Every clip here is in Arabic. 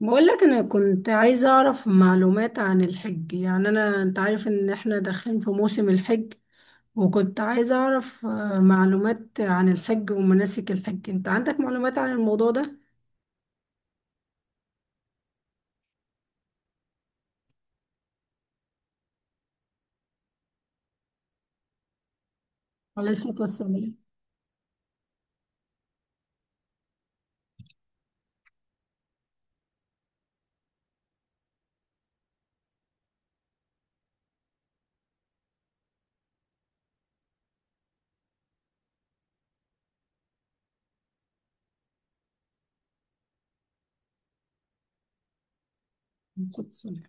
بقول لك انا كنت عايزه اعرف معلومات عن الحج. يعني انت عارف ان احنا داخلين في موسم الحج. وكنت عايزه اعرف معلومات عن الحج ومناسك الحج. انت عندك معلومات عن الموضوع ده؟ عليه الصلاه والسلام، عليه الصلاة والسلام.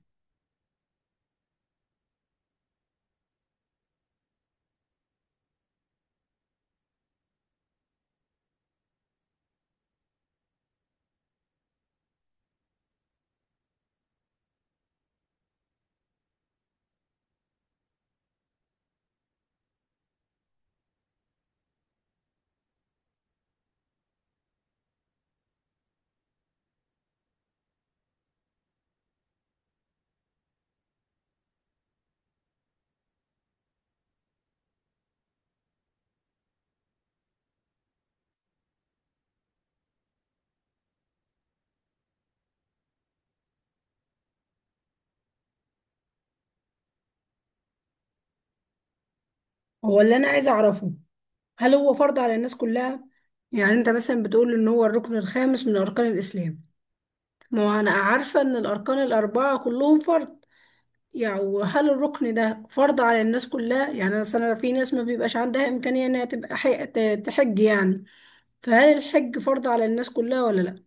هو اللي انا عايزه اعرفه، هل هو فرض على الناس كلها؟ يعني انت مثلا بتقول ان هو الركن الخامس من اركان الاسلام. ما هو انا عارفه ان الاركان الاربعه كلهم فرض. يعني وهل الركن ده فرض على الناس كلها؟ يعني مثلا في ناس ما بيبقاش عندها إمكانية إنها تبقى تحج يعني. فهل الحج فرض على الناس كلها ولا لأ؟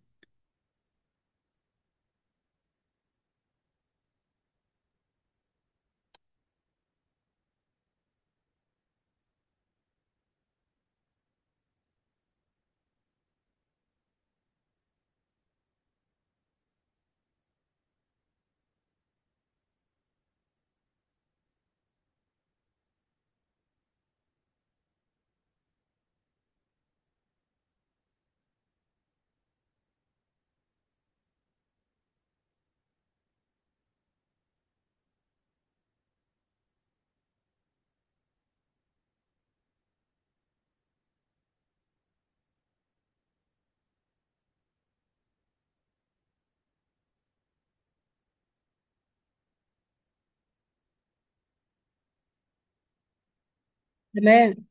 تمام.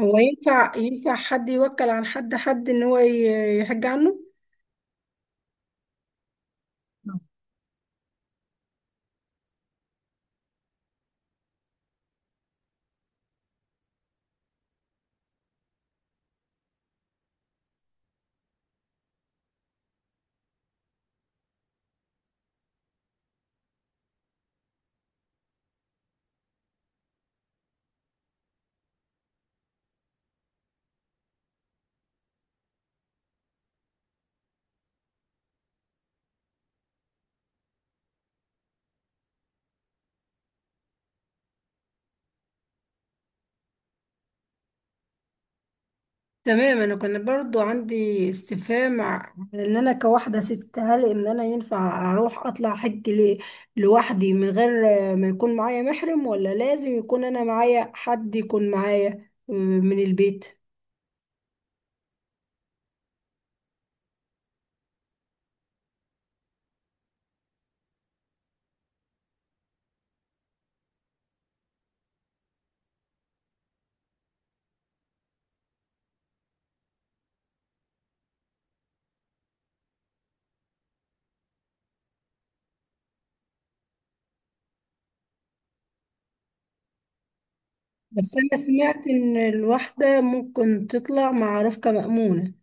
هو ينفع، حد يوكل عن حد، إن هو يحج عنه؟ نعم. تمام. أنا كان برضو عندي استفهام على إن أنا كواحدة ست، هل إن أنا ينفع أروح أطلع حج لوحدي من غير ما يكون معايا محرم؟ ولا لازم يكون أنا معايا حد، يكون معايا من البيت؟ بس أنا سمعت إن الواحدة ممكن تطلع مع رفقة مأمونة.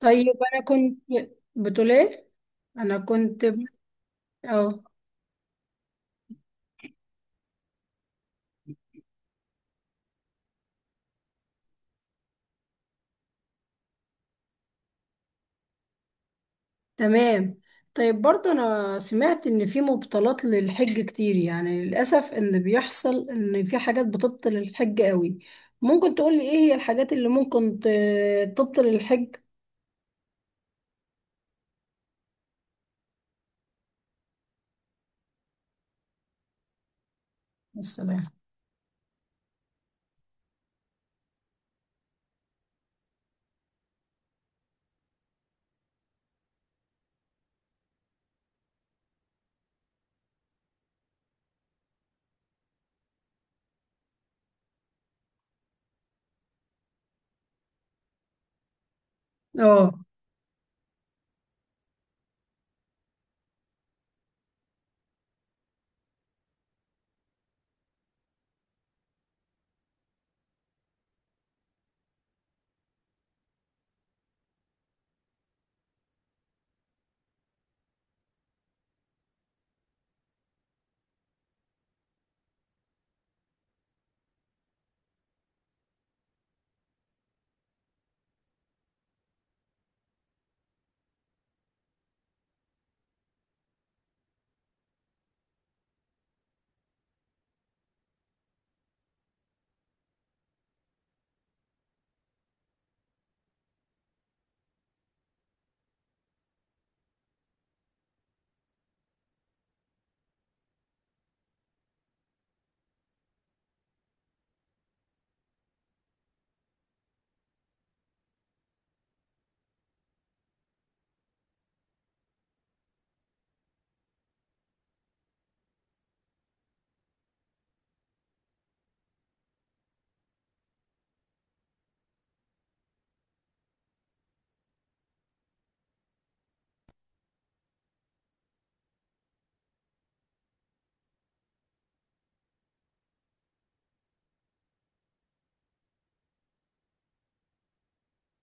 طيب أنا كنت. بتقول إيه؟ أنا كنت. أه، تمام. طيب، برضه أنا سمعت إن في مبطلات للحج كتير، يعني للأسف إن بيحصل إن في حاجات بتبطل الحج قوي. ممكن تقولي إيه هي الحاجات اللي ممكن تبطل الحج؟ السلام. أه.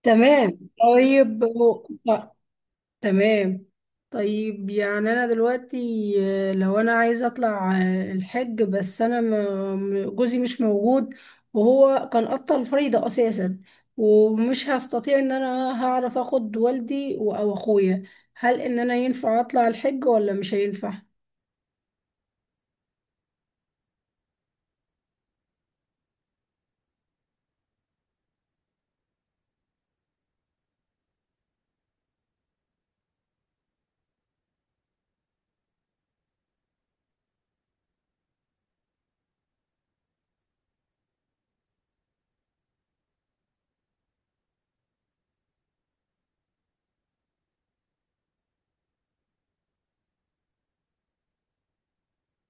تمام. طيب. تمام. طيب، يعني انا دلوقتي، لو انا عايزه اطلع الحج، بس انا جوزي مش موجود، وهو كان قطع الفريضه اساسا، ومش هستطيع ان انا هعرف اخد والدي او اخويا. هل ان انا ينفع اطلع الحج ولا مش هينفع؟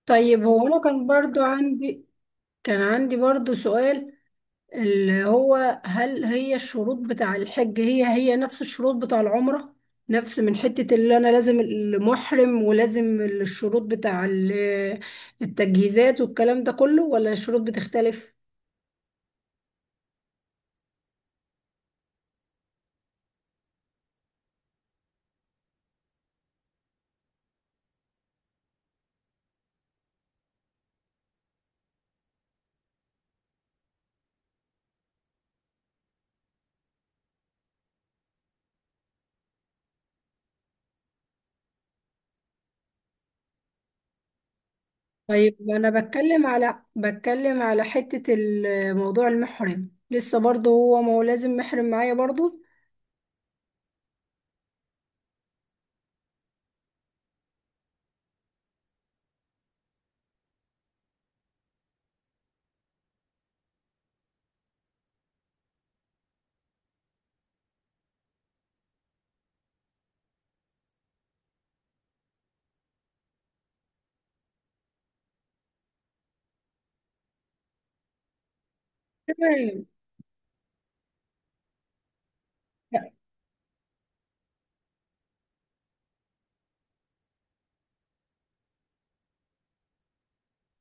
طيب هو انا كان عندي برضو سؤال، اللي هو هل هي الشروط بتاع الحج هي نفس الشروط بتاع العمرة؟ نفس من حتة اللي أنا لازم المحرم، ولازم الشروط بتاع التجهيزات والكلام ده كله، ولا الشروط بتختلف؟ طيب أنا بتكلم على حتة موضوع المحرم، لسه برضه هو ما هو لازم محرم معايا برضه. تمام.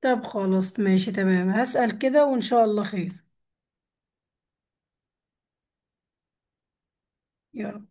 طب خلاص ماشي. تمام. هسأل كده وإن شاء الله خير. يلا.